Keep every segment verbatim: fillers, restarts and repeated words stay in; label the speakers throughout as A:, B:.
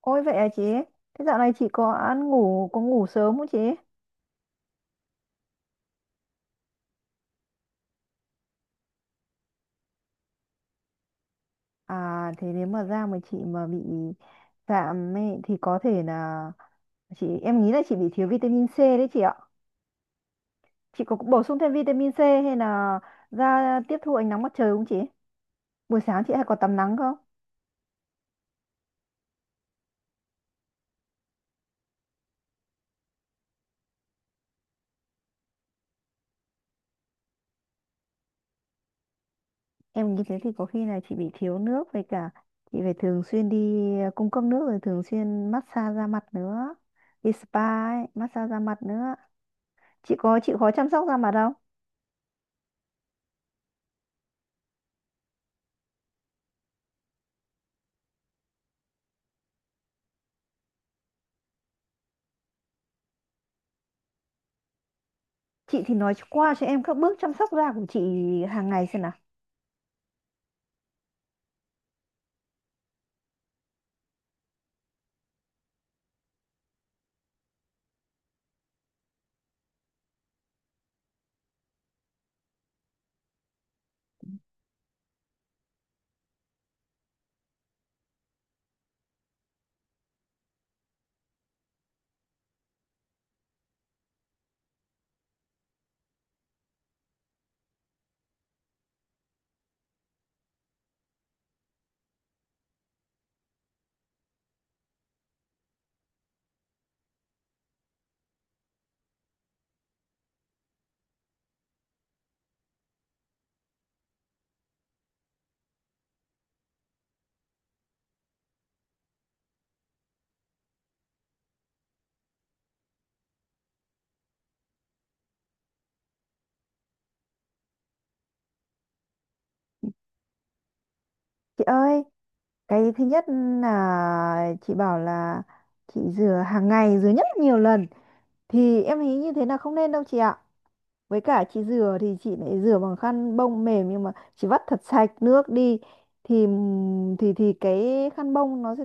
A: Ôi vậy à chị? Thế dạo này chị có ăn ngủ có ngủ sớm không chị? À thế nếu mà da mà chị mà bị giảm ấy, thì có thể là chị em nghĩ là chị bị thiếu vitamin xê đấy chị ạ. Chị có bổ sung thêm vitamin xi hay là da tiếp thu ánh nắng mặt trời không chị? Buổi sáng chị hay có tắm nắng không? Em nghĩ thế thì có khi là chị bị thiếu nước với cả chị phải thường xuyên đi cung cấp nước rồi thường xuyên massage da mặt nữa. Đi spa ấy, massage da mặt nữa. Chị có chịu khó chăm sóc da mặt không? Chị thì nói qua cho em các bước chăm sóc da của chị hàng ngày xem nào. Chị ơi, cái thứ nhất là chị bảo là chị rửa hàng ngày, rửa nhất là nhiều lần. Thì em thấy như thế là không nên đâu chị ạ. Với cả chị rửa thì chị lại rửa bằng khăn bông mềm nhưng mà chị vắt thật sạch nước đi thì ừm, thì thì cái khăn bông nó sẽ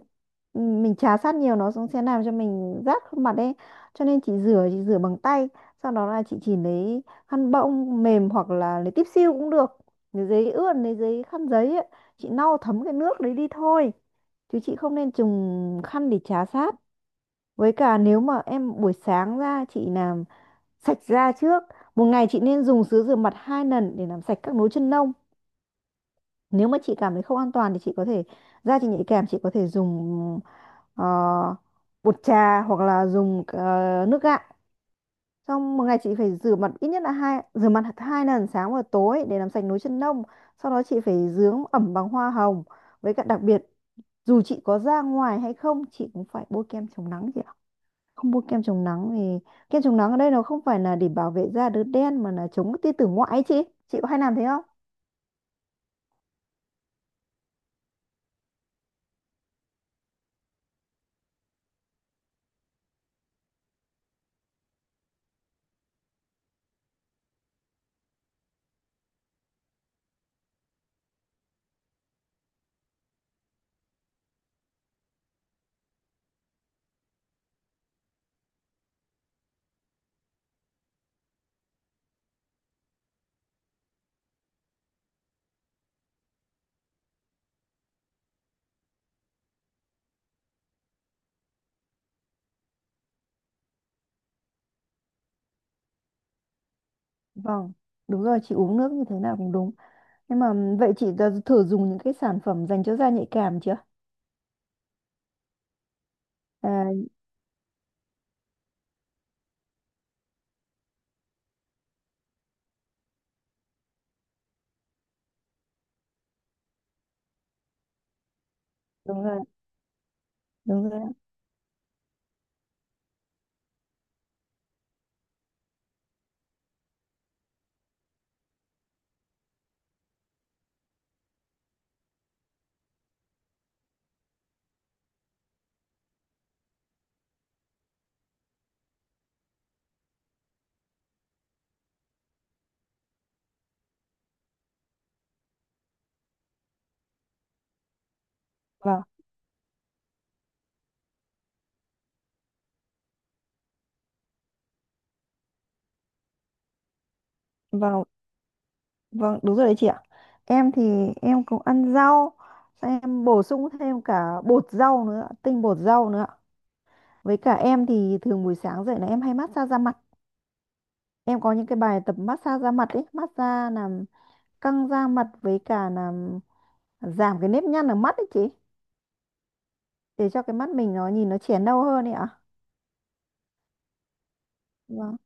A: ừm, mình chà sát nhiều nó cũng sẽ làm cho mình rát khuôn mặt ấy cho nên chị rửa chị rửa bằng tay, sau đó là chị chỉ lấy khăn bông mềm hoặc là lấy tiếp siêu cũng được, lấy giấy ướt lấy giấy khăn giấy ấy. Chị lau thấm cái nước đấy đi thôi chứ chị không nên dùng khăn để chà sát. Với cả nếu mà em buổi sáng ra chị làm sạch da trước, một ngày chị nên dùng sữa rửa mặt hai lần để làm sạch các nốt chân lông. Nếu mà chị cảm thấy không an toàn thì chị có thể da chị nhạy cảm chị có thể dùng ờ, bột trà hoặc là dùng ờ, nước gạo. Xong một ngày chị phải rửa mặt ít nhất là hai rửa mặt hai lần sáng và tối để làm sạch nốt chân lông. Sau đó chị phải dưỡng ẩm bằng hoa hồng. Với cả đặc biệt dù chị có ra ngoài hay không chị cũng phải bôi kem chống nắng chị ạ, không mua kem chống nắng vì kem chống nắng ở đây nó không phải là để bảo vệ da đốm đen mà là chống tia tử ngoại ấy chị. Chị có hay làm thế không? Vâng, đúng rồi, chị uống nước như thế nào cũng đúng nhưng mà vậy chị đã thử dùng những cái sản phẩm dành cho da nhạy cảm chưa? à, đúng rồi, đúng rồi. Vâng, vâng, vâng, đúng rồi đấy chị ạ. Em thì em cũng ăn rau, xong em bổ sung thêm cả bột rau nữa, tinh bột rau nữa. Với cả em thì thường buổi sáng dậy là em hay massage da mặt, em có những cái bài tập massage da mặt ấy, massage làm căng da mặt với cả là giảm cái nếp nhăn ở mắt ấy chị, để cho cái mắt mình nó nhìn nó trẻ nâu hơn ấy ạ. Vâng,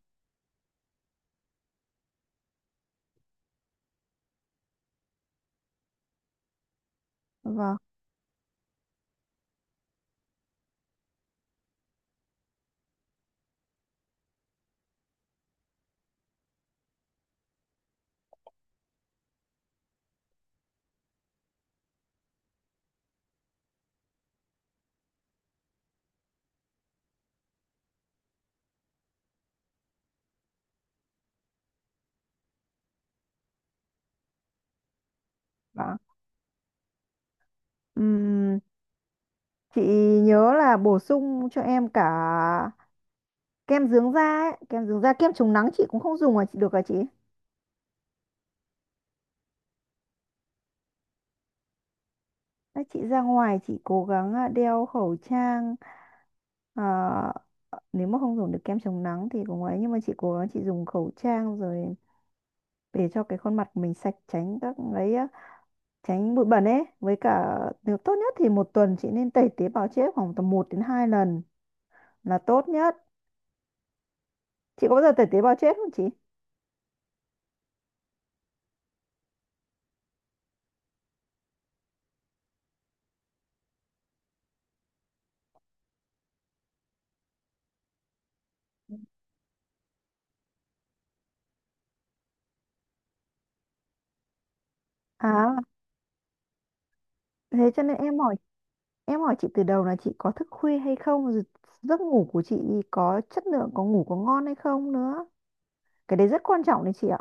A: vâng, vâng. Ừm, chị nhớ là bổ sung cho em cả kem dưỡng da ấy. Kem dưỡng da, kem chống nắng chị cũng không dùng à chị, được à chị? Đấy, chị ra ngoài chị cố gắng à, đeo khẩu trang. Ờ, Nếu mà không dùng được kem chống nắng thì cũng ấy, nhưng mà chị cố gắng chị dùng khẩu trang rồi để cho cái khuôn mặt mình sạch, tránh các ấy á. Tránh bụi bẩn ấy, với cả nếu tốt nhất thì một tuần chị nên tẩy tế bào chết khoảng tầm một đến hai lần là tốt nhất. Chị có bao giờ tẩy tế bào chết không chị? à Thế cho nên em hỏi, em hỏi chị từ đầu là chị có thức khuya hay không rồi giấc ngủ của chị có chất lượng, có ngủ có ngon hay không nữa. Cái đấy rất quan trọng đấy chị ạ.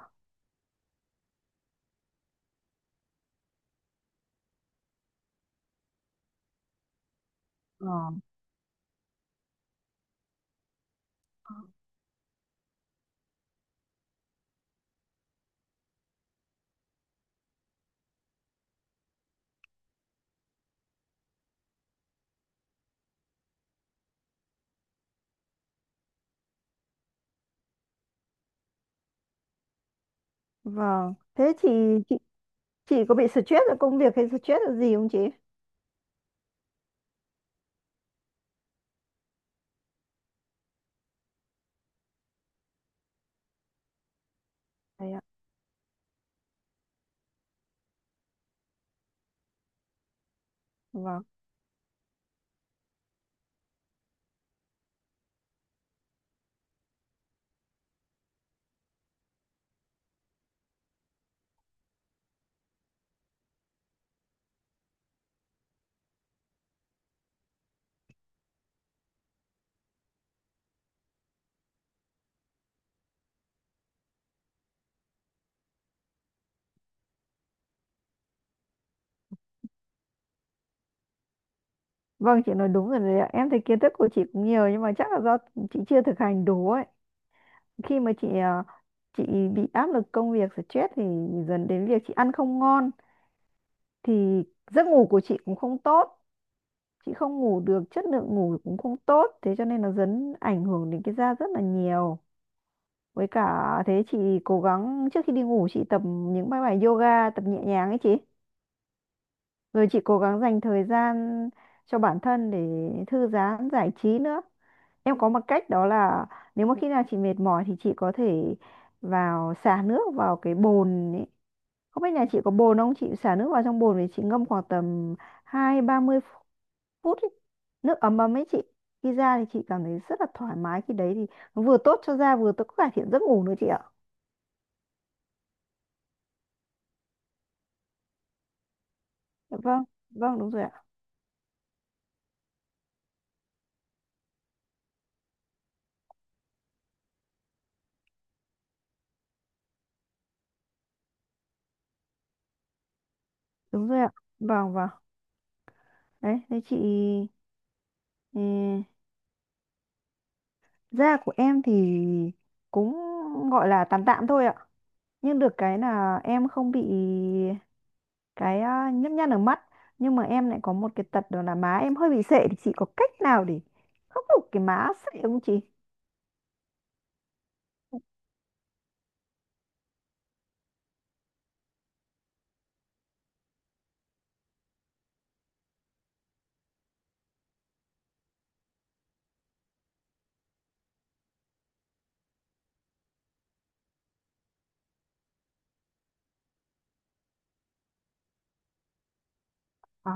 A: Ờ, vâng. Thế chị chị chị có bị stress ở công việc hay stress ở gì không chị? Đấy ạ. Vâng. Vâng, chị nói đúng rồi đấy ạ. Em thấy kiến thức của chị cũng nhiều nhưng mà chắc là do chị chưa thực hành đủ ấy. Khi mà chị à, chị bị áp lực công việc stress thì dần đến việc chị ăn không ngon thì giấc ngủ của chị cũng không tốt, chị không ngủ được, chất lượng ngủ cũng không tốt, thế cho nên nó dần ảnh hưởng đến cái da rất là nhiều. Với cả thế chị cố gắng trước khi đi ngủ chị tập những bài bài yoga, tập nhẹ nhàng ấy chị, rồi chị cố gắng dành thời gian cho bản thân để thư giãn giải trí nữa. Em có một cách đó là nếu mà khi nào chị mệt mỏi thì chị có thể vào xả nước vào cái bồn ấy. Không biết nhà chị có bồn không? Chị xả nước vào trong bồn thì chị ngâm khoảng tầm hai ba mươi phút ý. Nước ấm ấm ấy chị. Khi ra thì chị cảm thấy rất là thoải mái, khi đấy thì nó vừa tốt cho da, vừa tốt cải thiện giấc ngủ nữa chị ạ. Dạ vâng, vâng đúng rồi ạ. Đúng rồi ạ. Vâng, vâng. Đấy, thế chị ừ, da của em thì cũng gọi là tạm tạm thôi ạ. Nhưng được cái là em không bị cái à, nhấp nhăn ở mắt, nhưng mà em lại có một cái tật đó là má em hơi bị sệ, thì chị có cách nào để khắc phục cái má sệ không chị? Ờ.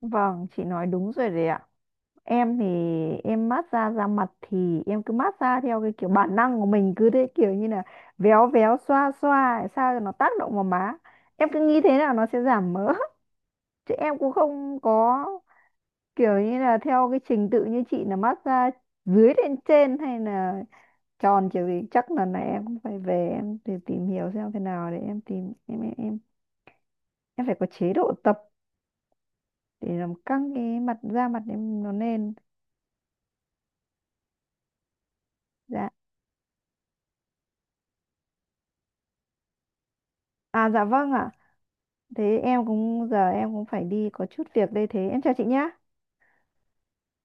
A: Vâng, chị nói đúng rồi đấy ạ. Em thì em mát xa da mặt thì em cứ mát xa theo cái kiểu bản năng của mình, cứ thế, kiểu như là véo véo xoa xoa để sao cho nó tác động vào má. Em cứ nghĩ thế nào nó sẽ giảm mỡ. Chứ em cũng không có kiểu như là theo cái trình tự như chị là mát xa dưới lên trên hay là tròn kiểu gì. Chắc lần này em cũng phải về em để tìm hiểu xem thế nào để em tìm em em em em phải có chế độ tập để làm căng cái mặt da mặt em nó lên. Dạ. À dạ vâng ạ. Thế em cũng giờ em cũng phải đi có chút việc đây, thế em chào chị nhá.